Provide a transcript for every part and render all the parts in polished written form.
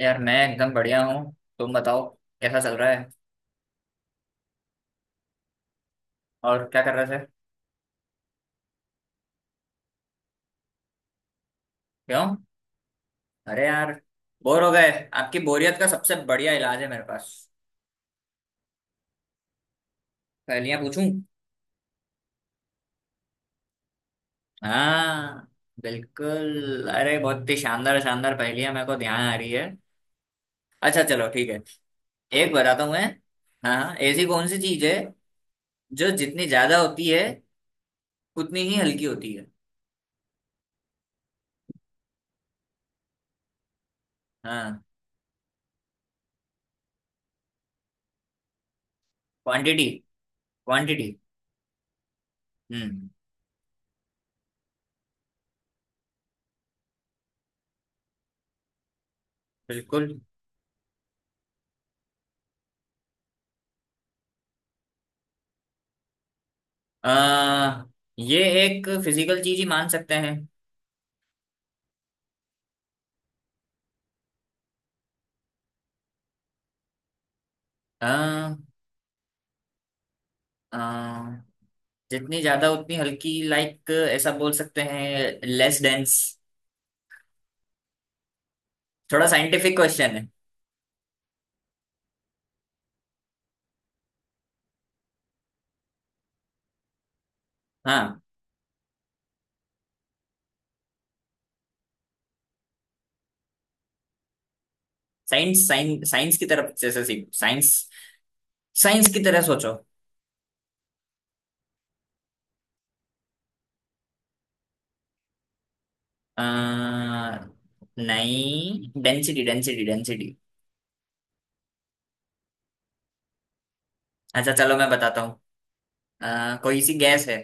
यार मैं एकदम बढ़िया हूँ। तुम बताओ। कैसा चल रहा है? और क्या कर रहे थे? क्यों? अरे यार। बोर हो गए? आपकी बोरियत का सबसे बढ़िया इलाज है मेरे पास। पहेलियां पूछूं? हाँ बिल्कुल। अरे बहुत ही शानदार शानदार पहेलियां मेरे को ध्यान आ रही है। अच्छा चलो ठीक है। एक बताता हूँ मैं। हाँ हाँ, ऐसी कौन सी चीज है जो जितनी ज्यादा होती है उतनी ही हल्की होती है। हाँ। Quantity quantity. हम्म। बिल्कुल। आ, ये एक फिजिकल चीज ही मान सकते हैं। अ, अ, जितनी ज्यादा उतनी हल्की लाइक ऐसा बोल सकते हैं लेस डेंस। थोड़ा साइंटिफिक क्वेश्चन है। हाँ। साइंस साइंस साइंस की तरफ जैसे सीख साइंस। साइंस की तरह सोचो। आ, नहीं डेंसिटी डेंसिटी डेंसिटी। अच्छा चलो मैं बताता हूँ। कोई सी गैस है।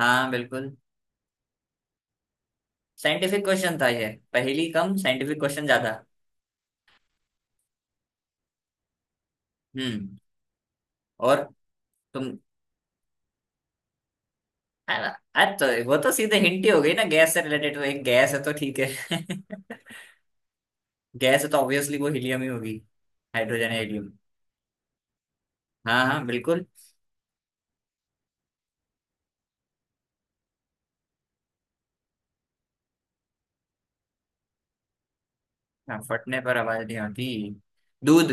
हाँ बिल्कुल। साइंटिफिक क्वेश्चन था ये पहेली कम साइंटिफिक क्वेश्चन ज्यादा। हम्म। और। तुम। अरे। अरे तो वो तो सीधे हिंट ही हो गई ना गैस से रिलेटेड वो एक गैस है तो ठीक है। गैस है तो ऑब्वियसली वो हीलियम ही होगी। हाइड्रोजन या हीलियम। हाँ हाँ बिल्कुल। हाँ, फटने पर आवाज नहीं आती। दूध।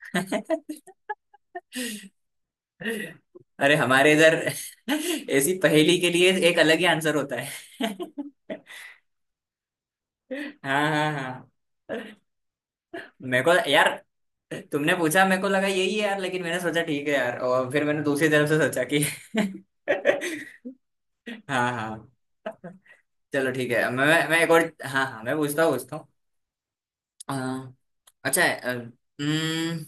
अरे हमारे इधर ऐसी पहेली के लिए एक अलग ही आंसर होता है। हाँ हाँ हाँ। मेरे को यार। तुमने पूछा मेरे को लगा यही है यार लेकिन मैंने सोचा ठीक है यार और फिर मैंने दूसरी तरफ से सोचा कि। हाँ हाँ। चलो ठीक है मैं एक और। हाँ हाँ मैं पूछता हूँ पूछता हूँ। अ, अच्छा है हम्म,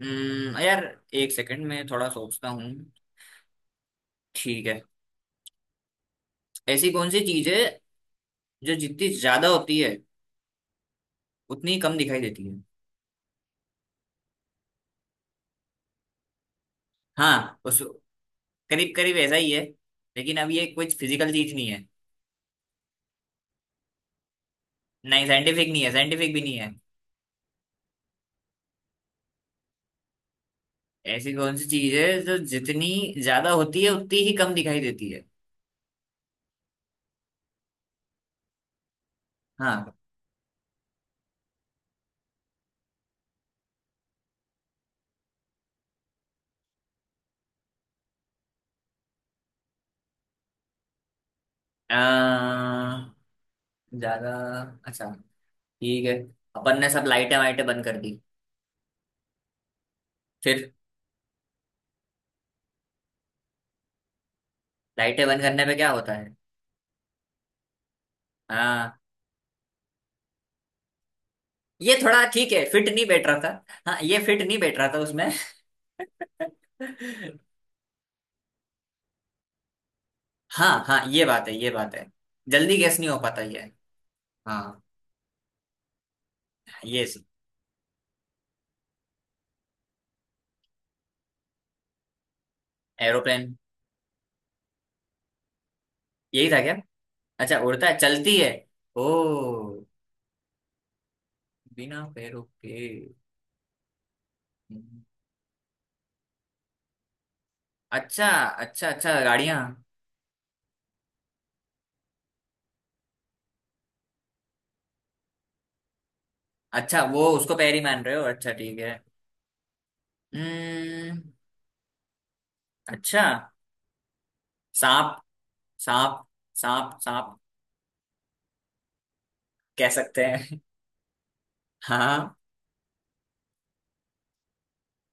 हम्म, यार। एक सेकंड मैं थोड़ा सोचता हूँ। ठीक है। ऐसी कौन सी चीज है जो जितनी ज्यादा होती है उतनी ही कम दिखाई देती है। हाँ उस करीब करीब ऐसा ही है। लेकिन अब ये कुछ फिजिकल चीज नहीं है। नहीं साइंटिफिक नहीं है साइंटिफिक भी नहीं है। ऐसी कौन सी चीज है जो जितनी ज्यादा होती है उतनी ही कम दिखाई देती है। हाँ। अ, ज्यादा। अच्छा ठीक है। अपन ने सब लाइटें वाइटें बंद कर दी। फिर। लाइटें बंद करने पे क्या होता है? हाँ ये थोड़ा ठीक है फिट नहीं बैठ रहा था हाँ ये फिट नहीं बैठ रहा था उसमें हाँ हाँ ये बात है ये बात है। जल्दी गैस नहीं हो पाता ये। हाँ। ये एरोप्लेन। यही था क्या? अच्छा उड़ता है चलती है। ओ। बिना पैरों के। हम्म, अच्छा अच्छा अच्छा गाड़ियाँ। अच्छा वो उसको पैर ही मान रहे हो अच्छा ठीक है। हम्म। अच्छा। सांप सांप सांप सांप। कह सकते हैं। हाँ।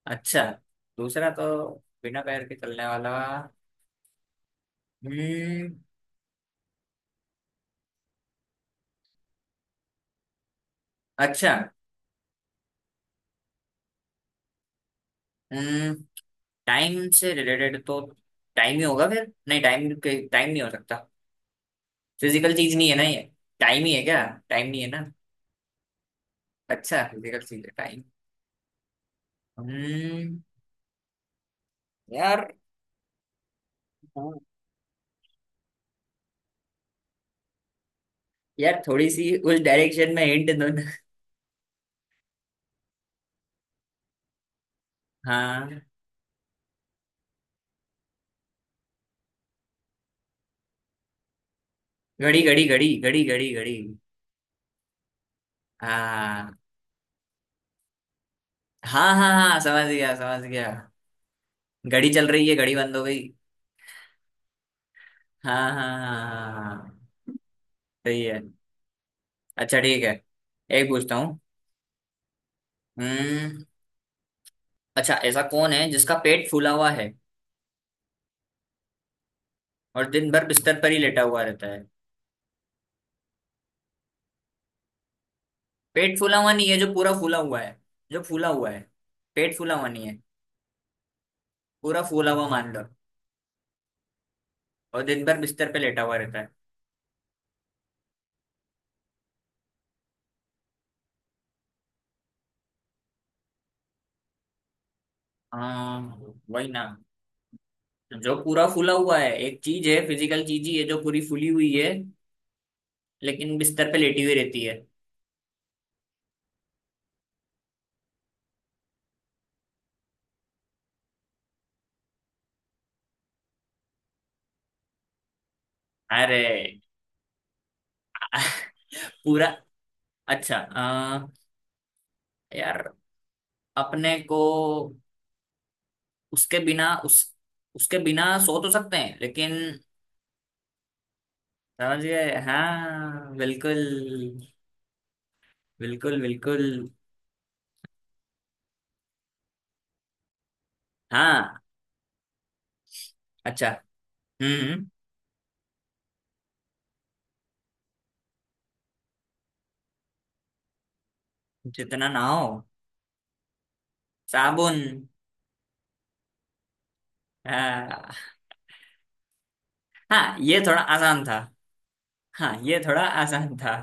अच्छा। दूसरा तो। बिना पैर के चलने वाला। हम्म। अच्छा। हम्म। टाइम से रिलेटेड तो। टाइम ही होगा फिर नहीं टाइम के टाइम नहीं हो सकता। फिजिकल चीज नहीं है ना ये? टाइम ही है क्या? टाइम नहीं है ना? अच्छा फिजिकल चीज है टाइम। हम्म। यार। हाँ, यार थोड़ी सी उस डायरेक्शन में हिंट दो ना। हाँ। घड़ी घड़ी घड़ी घड़ी घड़ी घड़ी। हाँ हाँ हाँ हाँ समझ गया समझ गया। घड़ी चल रही है घड़ी बंद हो गई। हाँ हाँ हाँ हाँ हाँ, हाँ, हाँ। सही है। अच्छा ठीक है। एक पूछता हूँ। हम्म। अच्छा ऐसा कौन है जिसका पेट फूला हुआ है और दिन भर बिस्तर पर ही लेटा हुआ रहता है। पेट फूला हुआ नहीं है जो पूरा फूला हुआ है। जो फूला हुआ है। पेट फूला हुआ नहीं है। पूरा फूला हुआ मान लो। और दिन भर बिस्तर पे लेटा हुआ रहता है। हाँ वही ना। जो पूरा फूला हुआ है एक चीज है फिजिकल चीज ही है जो पूरी फूली हुई है लेकिन बिस्तर पे लेटी हुई रहती है। अरे पूरा अच्छा यार अपने को उसके बिना उस उसके बिना सो तो सकते हैं लेकिन। समझ गए हाँ बिल्कुल बिल्कुल बिल्कुल। हाँ अच्छा हम्म हम्म, जितना ना हो। साबुन। हाँ हाँ ये थोड़ा आसान था। हाँ ये थोड़ा आसान था।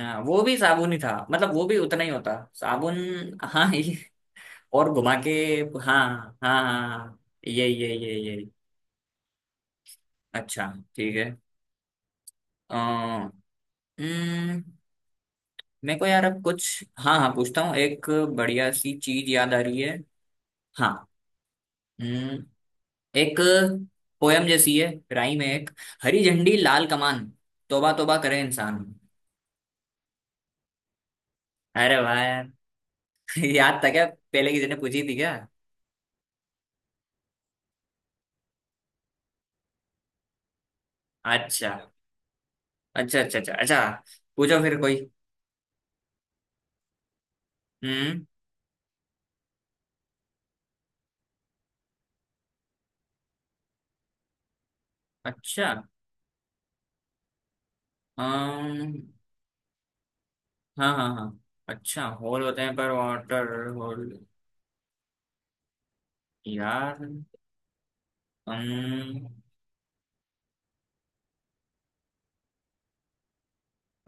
हाँ वो भी साबुन ही था मतलब वो भी उतना ही होता साबुन। हाँ ये और घुमा के। हाँ हाँ हाँ हाँ, ये। अच्छा ठीक है। अ, हम्म, मेरे को यार अब कुछ हाँ हाँ पूछता हूँ एक। बढ़िया सी चीज याद आ रही है। हाँ। हम्म, एक पोयम जैसी है। राइम है एक। हरी झंडी लाल कमान। तौबा तौबा करे इंसान। अरे वाह यार। याद था क्या पहले किसी ने पूछी थी क्या? अच्छा अच्छा अच्छा अच्छा अच्छा। पूछो फिर कोई। हम्म। अच्छा। अम्म, हाँ हाँ हाँ। अच्छा होल होते हैं पर वाटर होल। यार। अम्म,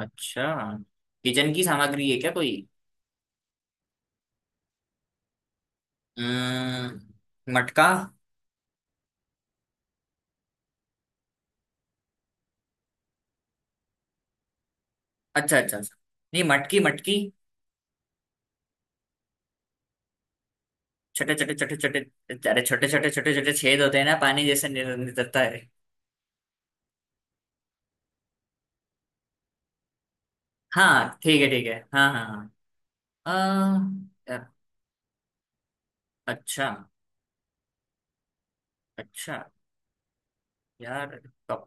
अच्छा किचन की सामग्री है क्या कोई? मटका। अच्छा अच्छा अच्छा। नहीं मटकी मटकी। छोटे छोटे छोटे छोटे अरे छोटे छोटे छोटे छोटे छेद होते हैं ना पानी जैसे निकलता है। हाँ ठीक है हाँ हाँ हाँ। यार, अच्छा अच्छा यार कप।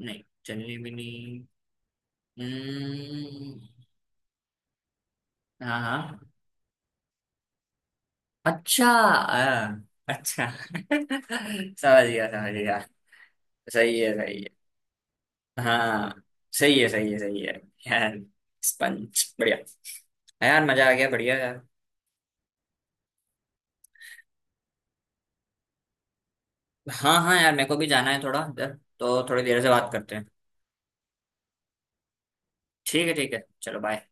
नहीं चलनी भी नहीं। हम्म, हाँ हाँ। अच्छा अच्छा समझ गया समझ गया। सही है सही है। हाँ सही है सही है सही है। यार। स्पंज बढ़िया। हाँ यार मजा आ गया बढ़िया यार। हाँ हाँ यार मेरे को भी जाना है थोड़ा इधर। तो थोड़ी देर से बात करते हैं। ठीक है चलो बाय।